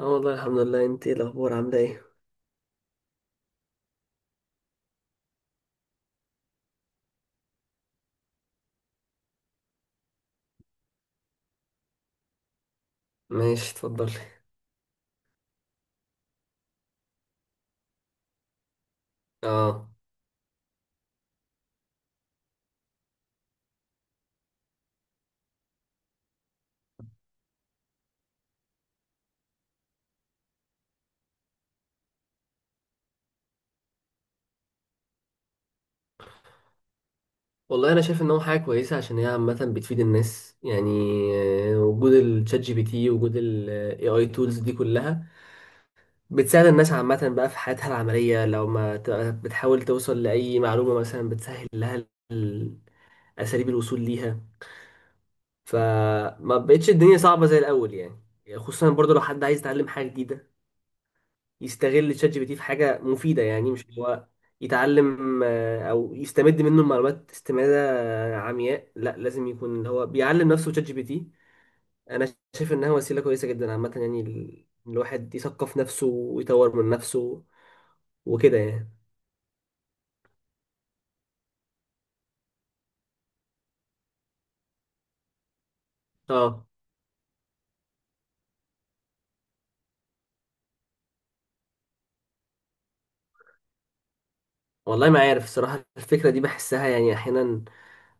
اه والله، الحمد لله. انت ايه الاخبار؟ عامله ايه؟ ماشي، اتفضلي. اه والله، انا شايف ان هو حاجه كويسه عشان هي عامه بتفيد الناس يعني. وجود الشات جي بي تي، وجود الاي اي تولز دي كلها بتساعد الناس عامه بقى في حياتها العمليه. لو ما ت- بتحاول توصل لاي معلومه مثلا، بتسهل لها ال- اساليب الوصول ليها، فما بقتش الدنيا صعبه زي الاول يعني. خصوصا برضو لو حد عايز يتعلم حاجه جديده، يستغل شات جي بي تي في حاجة مفيدة، يعني مش اللي هو يتعلم او يستمد منه المعلومات استمادة عمياء. لا، لازم يكون اللي هو بيعلم نفسه شات جي بي تي. انا شايف انها وسيلة كويسة جدا عامة، يعني الواحد يثقف نفسه ويطور من نفسه وكده يعني. اه والله، ما عارف الصراحة، الفكرة دي بحسها يعني احيانا،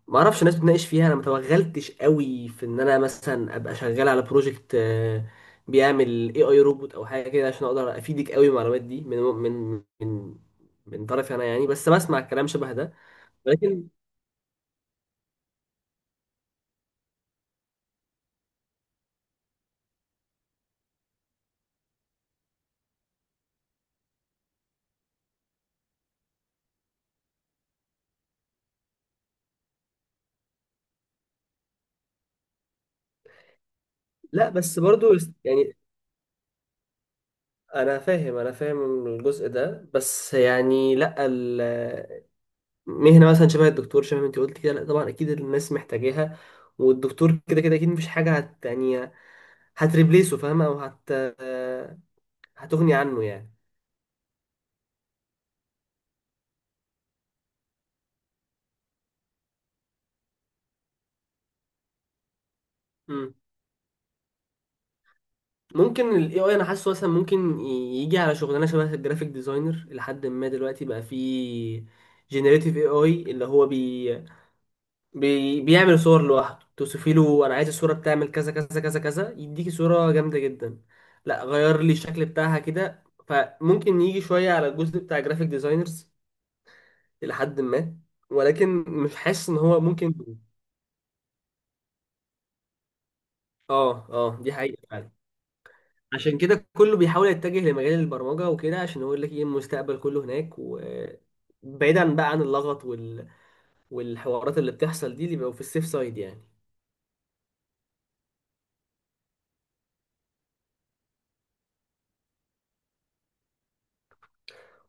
ما اعرفش. الناس بتناقش فيها، انا ما توغلتش قوي في ان انا مثلا ابقى شغال على بروجكت بيعمل اي اي روبوت او حاجه كده عشان اقدر افيدك قوي بالمعلومات دي من طرفي انا يعني، بس بسمع الكلام شبه ده لكن. لا، بس برضو يعني انا فاهم، الجزء ده. بس يعني لا، مهنه مثلا شبه الدكتور، شبه ما انت قلت كده، لا طبعا اكيد الناس محتاجاها، والدكتور كده كده اكيد مفيش حاجه يعني هتريبليسه، فاهمه، او هت آه، هتغني عنه يعني. مم. ممكن ال AI، انا حاسه مثلا ممكن يجي على شغلانه شبه الجرافيك ديزاينر لحد ما. دلوقتي بقى فيه جينيريتيف AI، اللي هو بيعمل صور لوحده، توصفي له انا عايز الصوره بتعمل كذا كذا كذا كذا، يديكي صوره جامده جدا. لا، غير لي الشكل بتاعها كده. فممكن يجي شويه على الجزء بتاع جرافيك ديزاينرز لحد ما، ولكن مش حاسس ان هو ممكن. اه اه، دي حقيقه فعلا. عشان كده كله بيحاول يتجه لمجال البرمجة وكده، عشان هو يقول لك ايه المستقبل كله هناك، وبعيدا بقى عن اللغط والحوارات اللي بتحصل دي، اللي بيبقوا في السيف سايد يعني.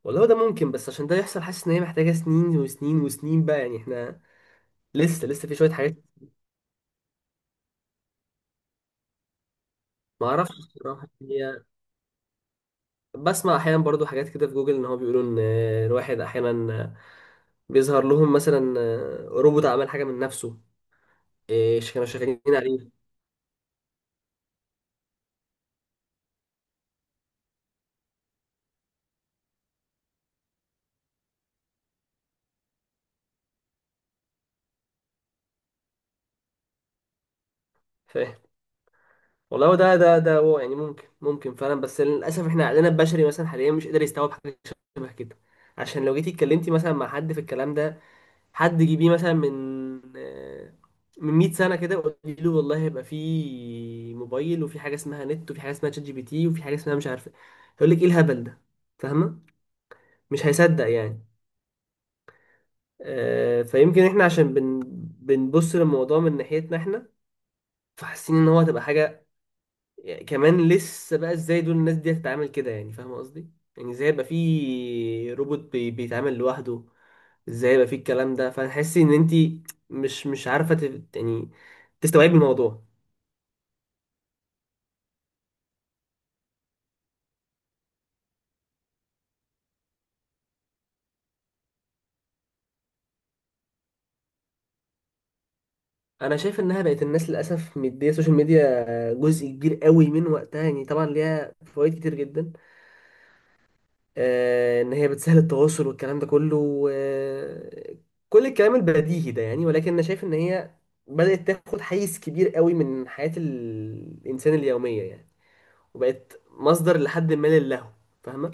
والله ده ممكن، بس عشان ده يحصل حاسس ان هي محتاجة سنين وسنين وسنين بقى يعني. احنا لسه لسه في شوية حاجات. ما اعرفش الصراحة، هي بسمع احيانا برضو حاجات كده في جوجل، ان هو بيقولوا ان الواحد احيانا بيظهر لهم مثلا روبوت عمل حاجة من نفسه، إيه، كانوا شغالين عليه. فاهم. والله هو ده ده ده هو يعني، ممكن فعلا، بس للاسف احنا عقلنا البشري مثلا حاليا مش قادر يستوعب حاجه شبه كده. عشان لو جيتي اتكلمتي مثلا مع حد في الكلام ده، حد جيبيه مثلا من 100 سنه كده، وقولي له والله هيبقى في موبايل وفي حاجه اسمها نت وفي حاجه اسمها شات جي بي تي وفي حاجه اسمها مش عارفه، هيقول لك ايه الهبل ده؟ فاهمه؟ مش هيصدق يعني. فيمكن احنا عشان بنبص للموضوع من ناحيتنا احنا، فحاسين ان هو هتبقى حاجه يعني. كمان لسه بقى، ازاي دول الناس دي هتتعامل كده؟ يعني فاهم قصدي، يعني ازاي يبقى في روبوت بيتعامل لوحده، ازاي يبقى في الكلام ده؟ فتحسي ان انت مش عارفه يعني تستوعبي الموضوع. انا شايف انها بقت، الناس للاسف مديه السوشيال ميديا جزء كبير قوي من وقتها يعني. طبعا ليها فوائد كتير جدا، ان هي بتسهل التواصل والكلام ده كله كل الكلام البديهي ده يعني. ولكن انا شايف ان هي بدأت تاخد حيز كبير قوي من حياة الانسان اليومية يعني، وبقت مصدر لحد ما للهو. فاهمة؟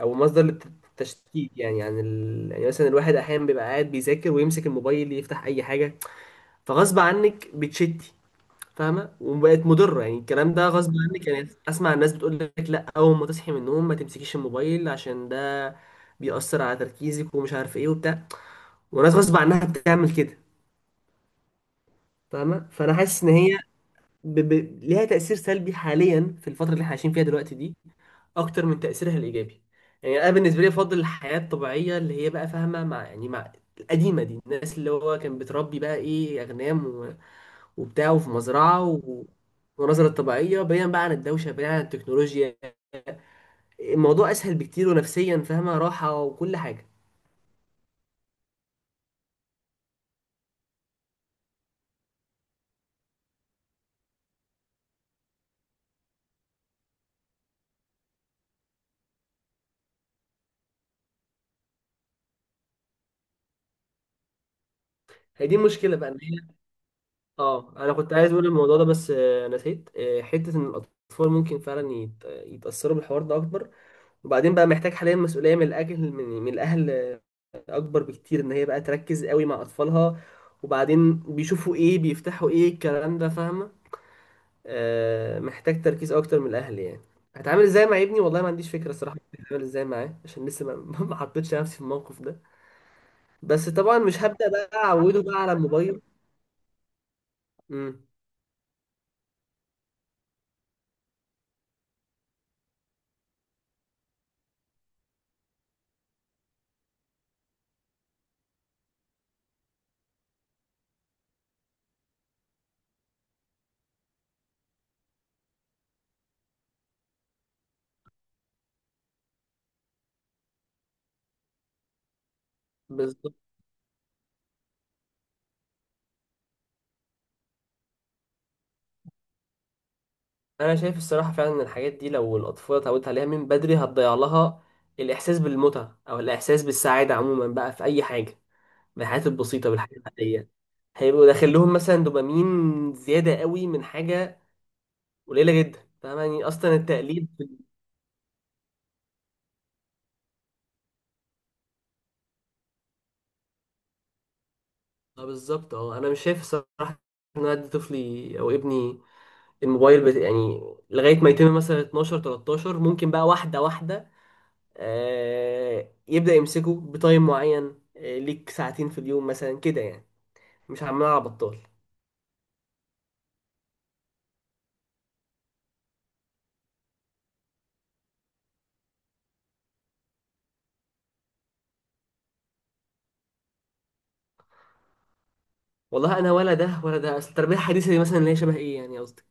او مصدر للتشتيت يعني، عن يعني مثلا الواحد احيانا بيبقى قاعد بيذاكر ويمسك الموبايل يفتح اي حاجة، فغصب عنك بتشتي. فاهمه؟ وبقت مضره يعني. الكلام ده غصب عنك يعني. اسمع الناس بتقول لك لا، اول ما تصحي من النوم ما تمسكيش الموبايل عشان ده بيأثر على تركيزك، ومش عارف ايه وبتاع، وناس غصب عنها بتعمل كده. فاهمه؟ فانا حاسس ان هي ب... ب... ليها تأثير سلبي حاليا في الفتره اللي احنا عايشين فيها دلوقتي دي، اكتر من تأثيرها الايجابي يعني. انا بالنسبه لي افضل الحياه الطبيعيه، اللي هي بقى، فاهمه، مع يعني مع القديمه دي، الناس اللي هو كان بتربي بقى ايه اغنام وبتاع، وفي مزرعة والمناظر الطبيعية، بعيدا بقى عن الدوشة، بعيدا عن التكنولوجيا. الموضوع أسهل بكتير، ونفسيا فاهمة راحة وكل حاجة. هي دي المشكلة بقى، إن هي أنا كنت عايز أقول الموضوع ده بس نسيت، حتة إن الأطفال ممكن فعلا يتأثروا بالحوار ده أكبر. وبعدين بقى محتاج حاليا مسؤولية من الأهل، من الأهل أكبر بكتير، إن هي بقى تركز قوي مع أطفالها، وبعدين بيشوفوا إيه بيفتحوا إيه الكلام ده. فاهمة؟ محتاج تركيز اكتر من الاهل يعني. هتعامل ازاي مع ابني؟ والله ما عنديش فكره صراحه هتعامل ازاي معاه، عشان لسه ما ما حطيتش نفسي في الموقف ده. بس طبعا مش هبدا بقى اعوده بقى على الموبايل. امم بالظبط. انا شايف الصراحه فعلا ان الحاجات دي لو الاطفال اتعودت عليها من بدري، هتضيع لها الاحساس بالمتعه، او الاحساس بالسعاده عموما بقى في اي حاجه، بالحاجات البسيطه، بالحاجات العاديه. هيبقوا داخل لهم مثلا دوبامين زياده قوي من حاجه قليله جدا. فاهم يعني، اصلا التقليد. اه بالظبط. اه، انا مش شايف الصراحه ان انا ادي طفلي او ابني الموبايل يعني لغايه ما يتم مثلا 12 13، ممكن بقى واحده واحده يبدا يمسكه بتايم معين، ليك ساعتين في اليوم مثلا كده يعني، مش عمال على بطال. والله انا ولا ده ولا ده. اصل التربيه الحديثه دي مثلا، اللي هي شبه ايه يعني قصدي،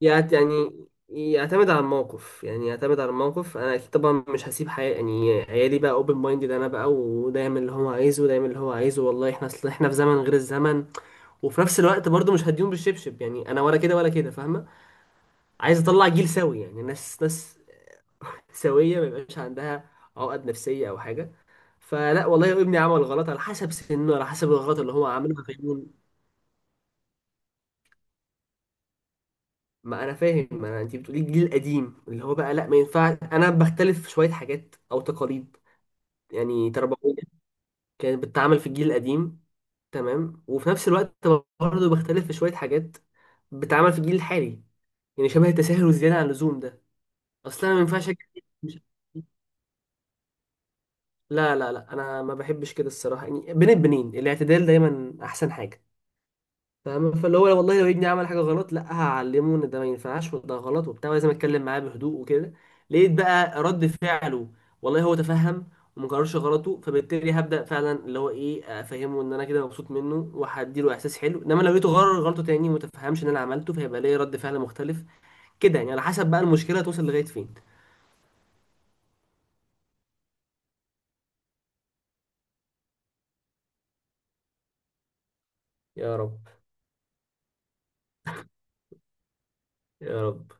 يعني يعتمد على الموقف، يعني يعتمد على الموقف. انا اكيد طبعا مش هسيب يعني عيالي بقى اوبن مايندد انا بقى، وده يعمل اللي هو عايزه وده يعمل اللي هو عايزه. والله احنا، اصل احنا في زمن غير الزمن. وفي نفس الوقت برضو مش هديهم بالشبشب يعني، انا ولا كده ولا كده. فاهمه؟ عايز اطلع جيل سوي، يعني ناس سويه، ما يبقاش عندها عقد نفسيه او حاجه. فلا والله، ابني عمل غلط، على حسب سنه، على حسب الغلط اللي هو عمله. فاهمني؟ ما انا فاهم، ما انا انت بتقولي الجيل القديم اللي هو بقى لا ما ينفعش. انا بختلف في شويه حاجات او تقاليد يعني تربويه كانت بتتعمل في الجيل القديم، تمام. وفي نفس الوقت برضه بختلف في شويه حاجات بتتعمل في الجيل الحالي، يعني شبه التساهل والزياده عن اللزوم ده. اصلا انا ما ينفعش لا لا لا، انا ما بحبش كده الصراحه يعني. بين البنين الاعتدال دايما احسن حاجه. فاهم؟ فاللي هو والله لو ابني عمل حاجه غلط، لا هعلمه ان ده ما ينفعش وده غلط وبتاع، ولازم اتكلم معاه بهدوء وكده. لقيت بقى رد فعله، والله هو تفهم وما كررش غلطه، فبالتالي هبدا فعلا اللي هو ايه افهمه ان انا كده مبسوط منه، وهديله احساس حلو. انما لو لقيته غرر غلطه تاني وما تفهمش ان انا عملته، فهيبقى ليا رد فعل مختلف كده يعني، على حسب بقى المشكله توصل لغايه فين. يا رب، يا رب.